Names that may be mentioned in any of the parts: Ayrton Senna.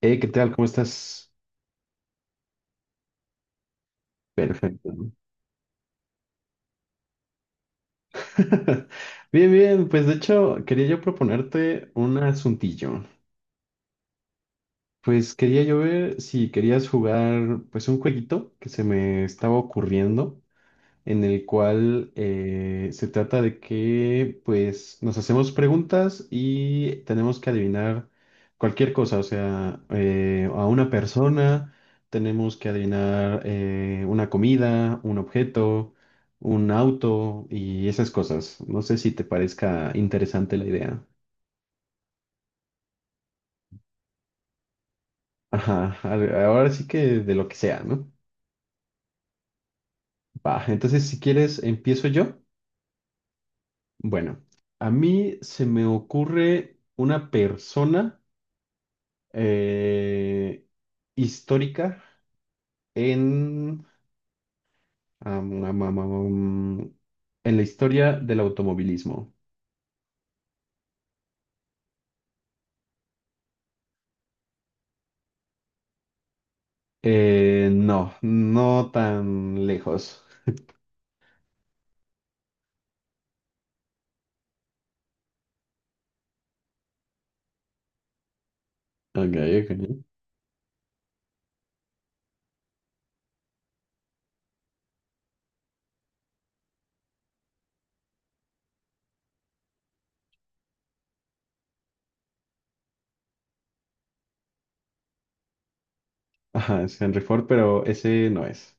Hey, ¿qué tal? ¿Cómo estás? Perfecto. ¿No? Bien, bien, pues de hecho quería yo proponerte un asuntillo. Pues quería yo ver si querías jugar pues un jueguito que se me estaba ocurriendo, en el cual se trata de que pues nos hacemos preguntas y tenemos que adivinar cualquier cosa, o sea, a una persona, tenemos que adivinar una comida, un objeto, un auto y esas cosas. No sé si te parezca interesante la idea. Ajá, ahora sí que de lo que sea, ¿no? Va, entonces si quieres empiezo yo. Bueno, a mí se me ocurre una persona eh, histórica en, am, am, am, am, am, en la historia del automovilismo. No, no tan lejos. Ok, ok. Ajá, es Henry Ford, pero ese no es.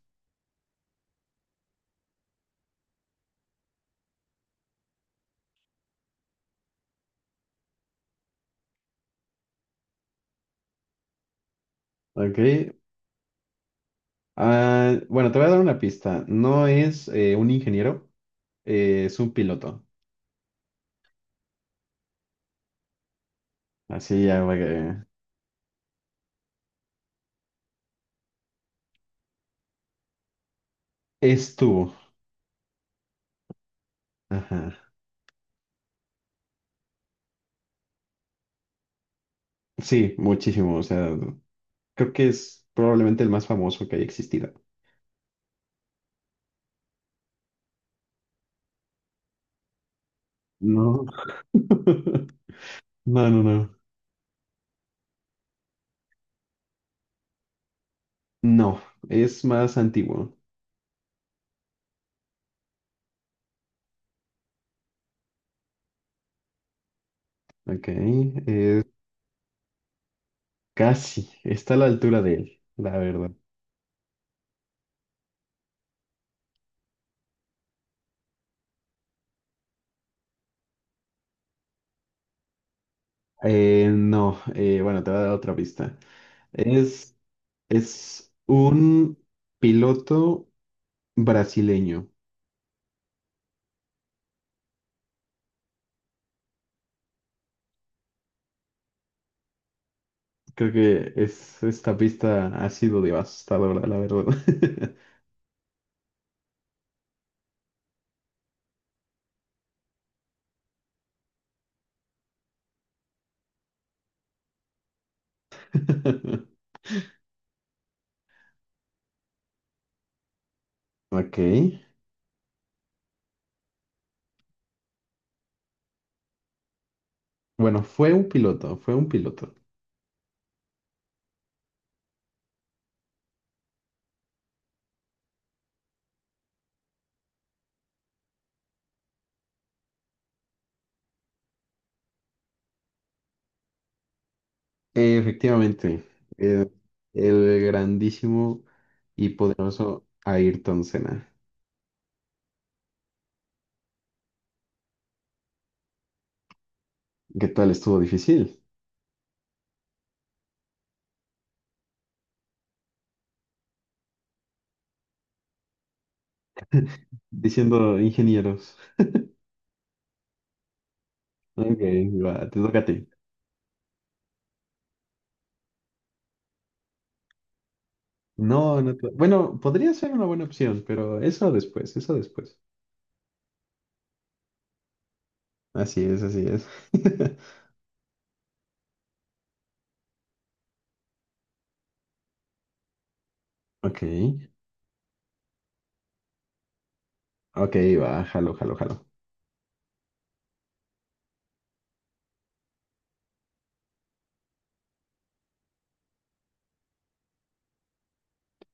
Ok. Ah, bueno, te voy a dar una pista. No es un ingeniero, es un piloto. Así ya va que... Estuvo. Ajá. Sí, muchísimo. O sea, creo que es probablemente el más famoso que haya existido. No. No, no, no. No, es más antiguo. Ok. Es casi. Está a la altura de él, la verdad. No, bueno, te voy a dar otra pista. Es, es un piloto brasileño. Creo que es, esta pista ha sido devastadora, la verdad. Ok. Bueno, fue un piloto, fue un piloto. Efectivamente. eh, el grandísimo y poderoso Ayrton Senna. ¿Qué tal? Estuvo difícil. Diciendo ingenieros. Ok, va, te toca a ti. No, bueno, podría ser una buena opción, pero eso después, eso después. Así es, así es. Ok, ok, va, jalo, jalo, jalo.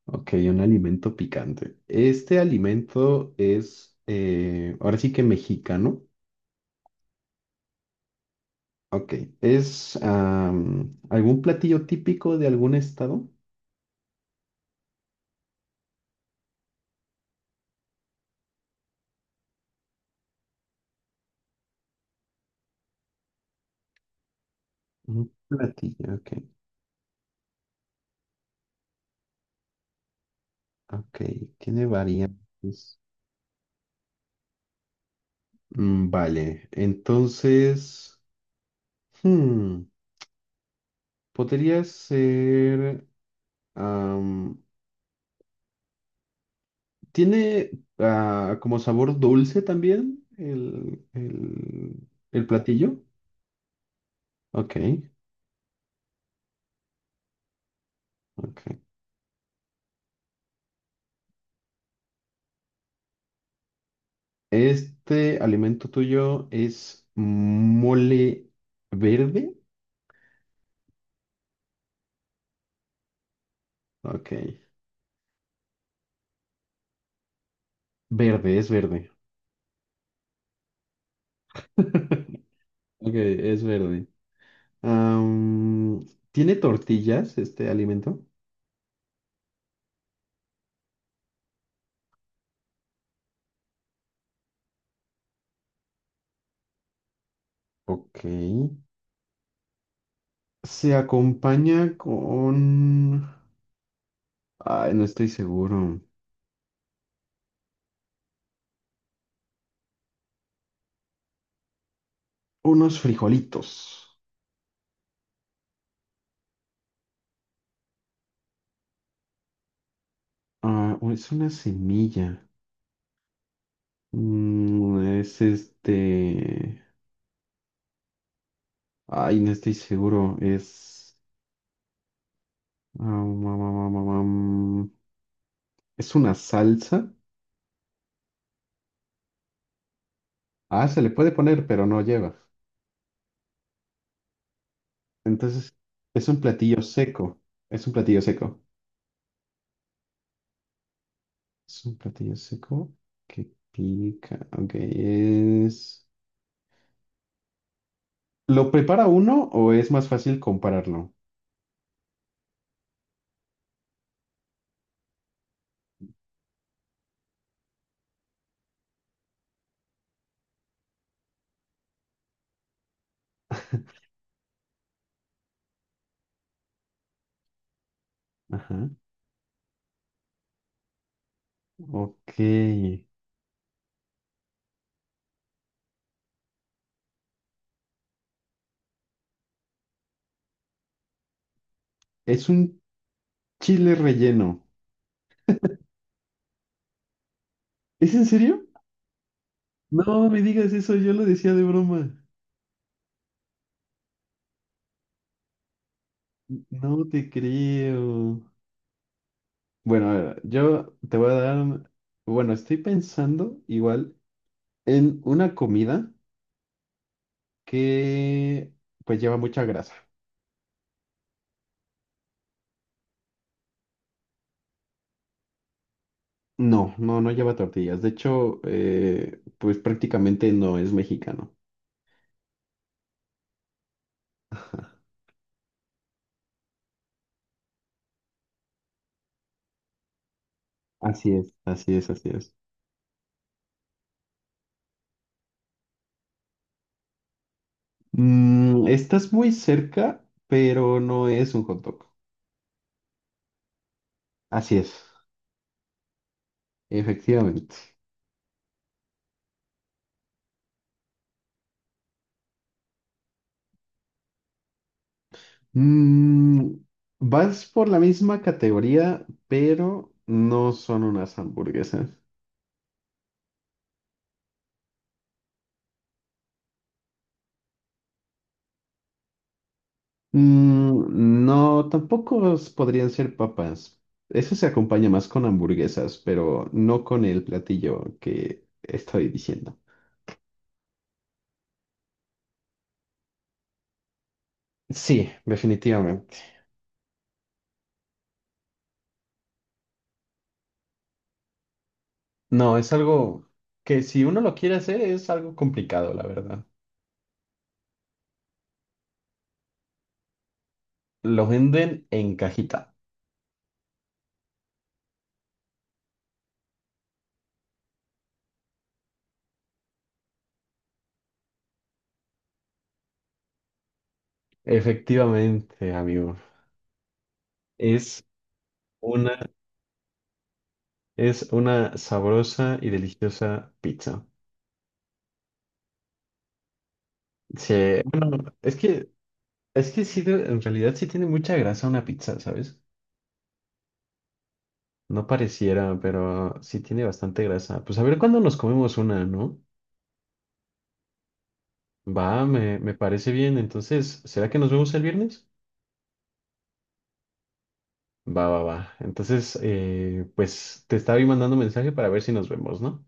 Ok, un alimento picante. Este alimento es, ahora sí que mexicano. Ok, ¿es algún platillo típico de algún estado? Un platillo, ok, ok, tiene variantes. Mm, vale, entonces, hmm, podría ser, am, ¿tiene como sabor dulce también el platillo? Ok, ok. ¿Este alimento tuyo es mole verde? Ok, verde, es verde. Ok, es verde. Am, ¿Tiene tortillas este alimento? Ok. Se acompaña con... Ay, no estoy seguro. Unos frijolitos. Ah, o es una semilla. Mm, es este... Ay, no estoy seguro. Es... am, am, am, am, am. Es una salsa. Ah, se le puede poner, pero no lleva. Entonces, es un platillo seco. Es un platillo seco. Es un platillo seco que pica. Ok, es... ¿Lo prepara uno o es más fácil compararlo? Ajá. Ok. Es un chile relleno. ¿Es en serio? No me digas eso, yo lo decía de broma. No te creo. Bueno, a ver, yo te voy a dar... Bueno, estoy pensando igual en una comida que pues lleva mucha grasa. No, no, no lleva tortillas. De hecho, pues prácticamente no es mexicano. Ajá. Así es, así es, así es. Mm, estás muy cerca, pero no es un hot dog. Así es, efectivamente. Mm, vas por la misma categoría, pero no son unas hamburguesas. Mm, no, tampoco s- podrían ser papas. Eso se acompaña más con hamburguesas, pero no con el platillo que estoy diciendo. Sí, definitivamente. No, es algo que si uno lo quiere hacer es algo complicado, la verdad. Lo venden en cajita. Efectivamente, amigo. Es una, es una sabrosa y deliciosa pizza. Sí, bueno, es que sí, en realidad sí tiene mucha grasa una pizza, ¿sabes? No pareciera, pero sí tiene bastante grasa. Pues a ver cuándo nos comemos una, ¿no? Va, me parece bien. Entonces, ¿será que nos vemos el viernes? Va, va, va. Entonces, pues te estaba ahí mandando mensaje para ver si nos vemos, ¿no?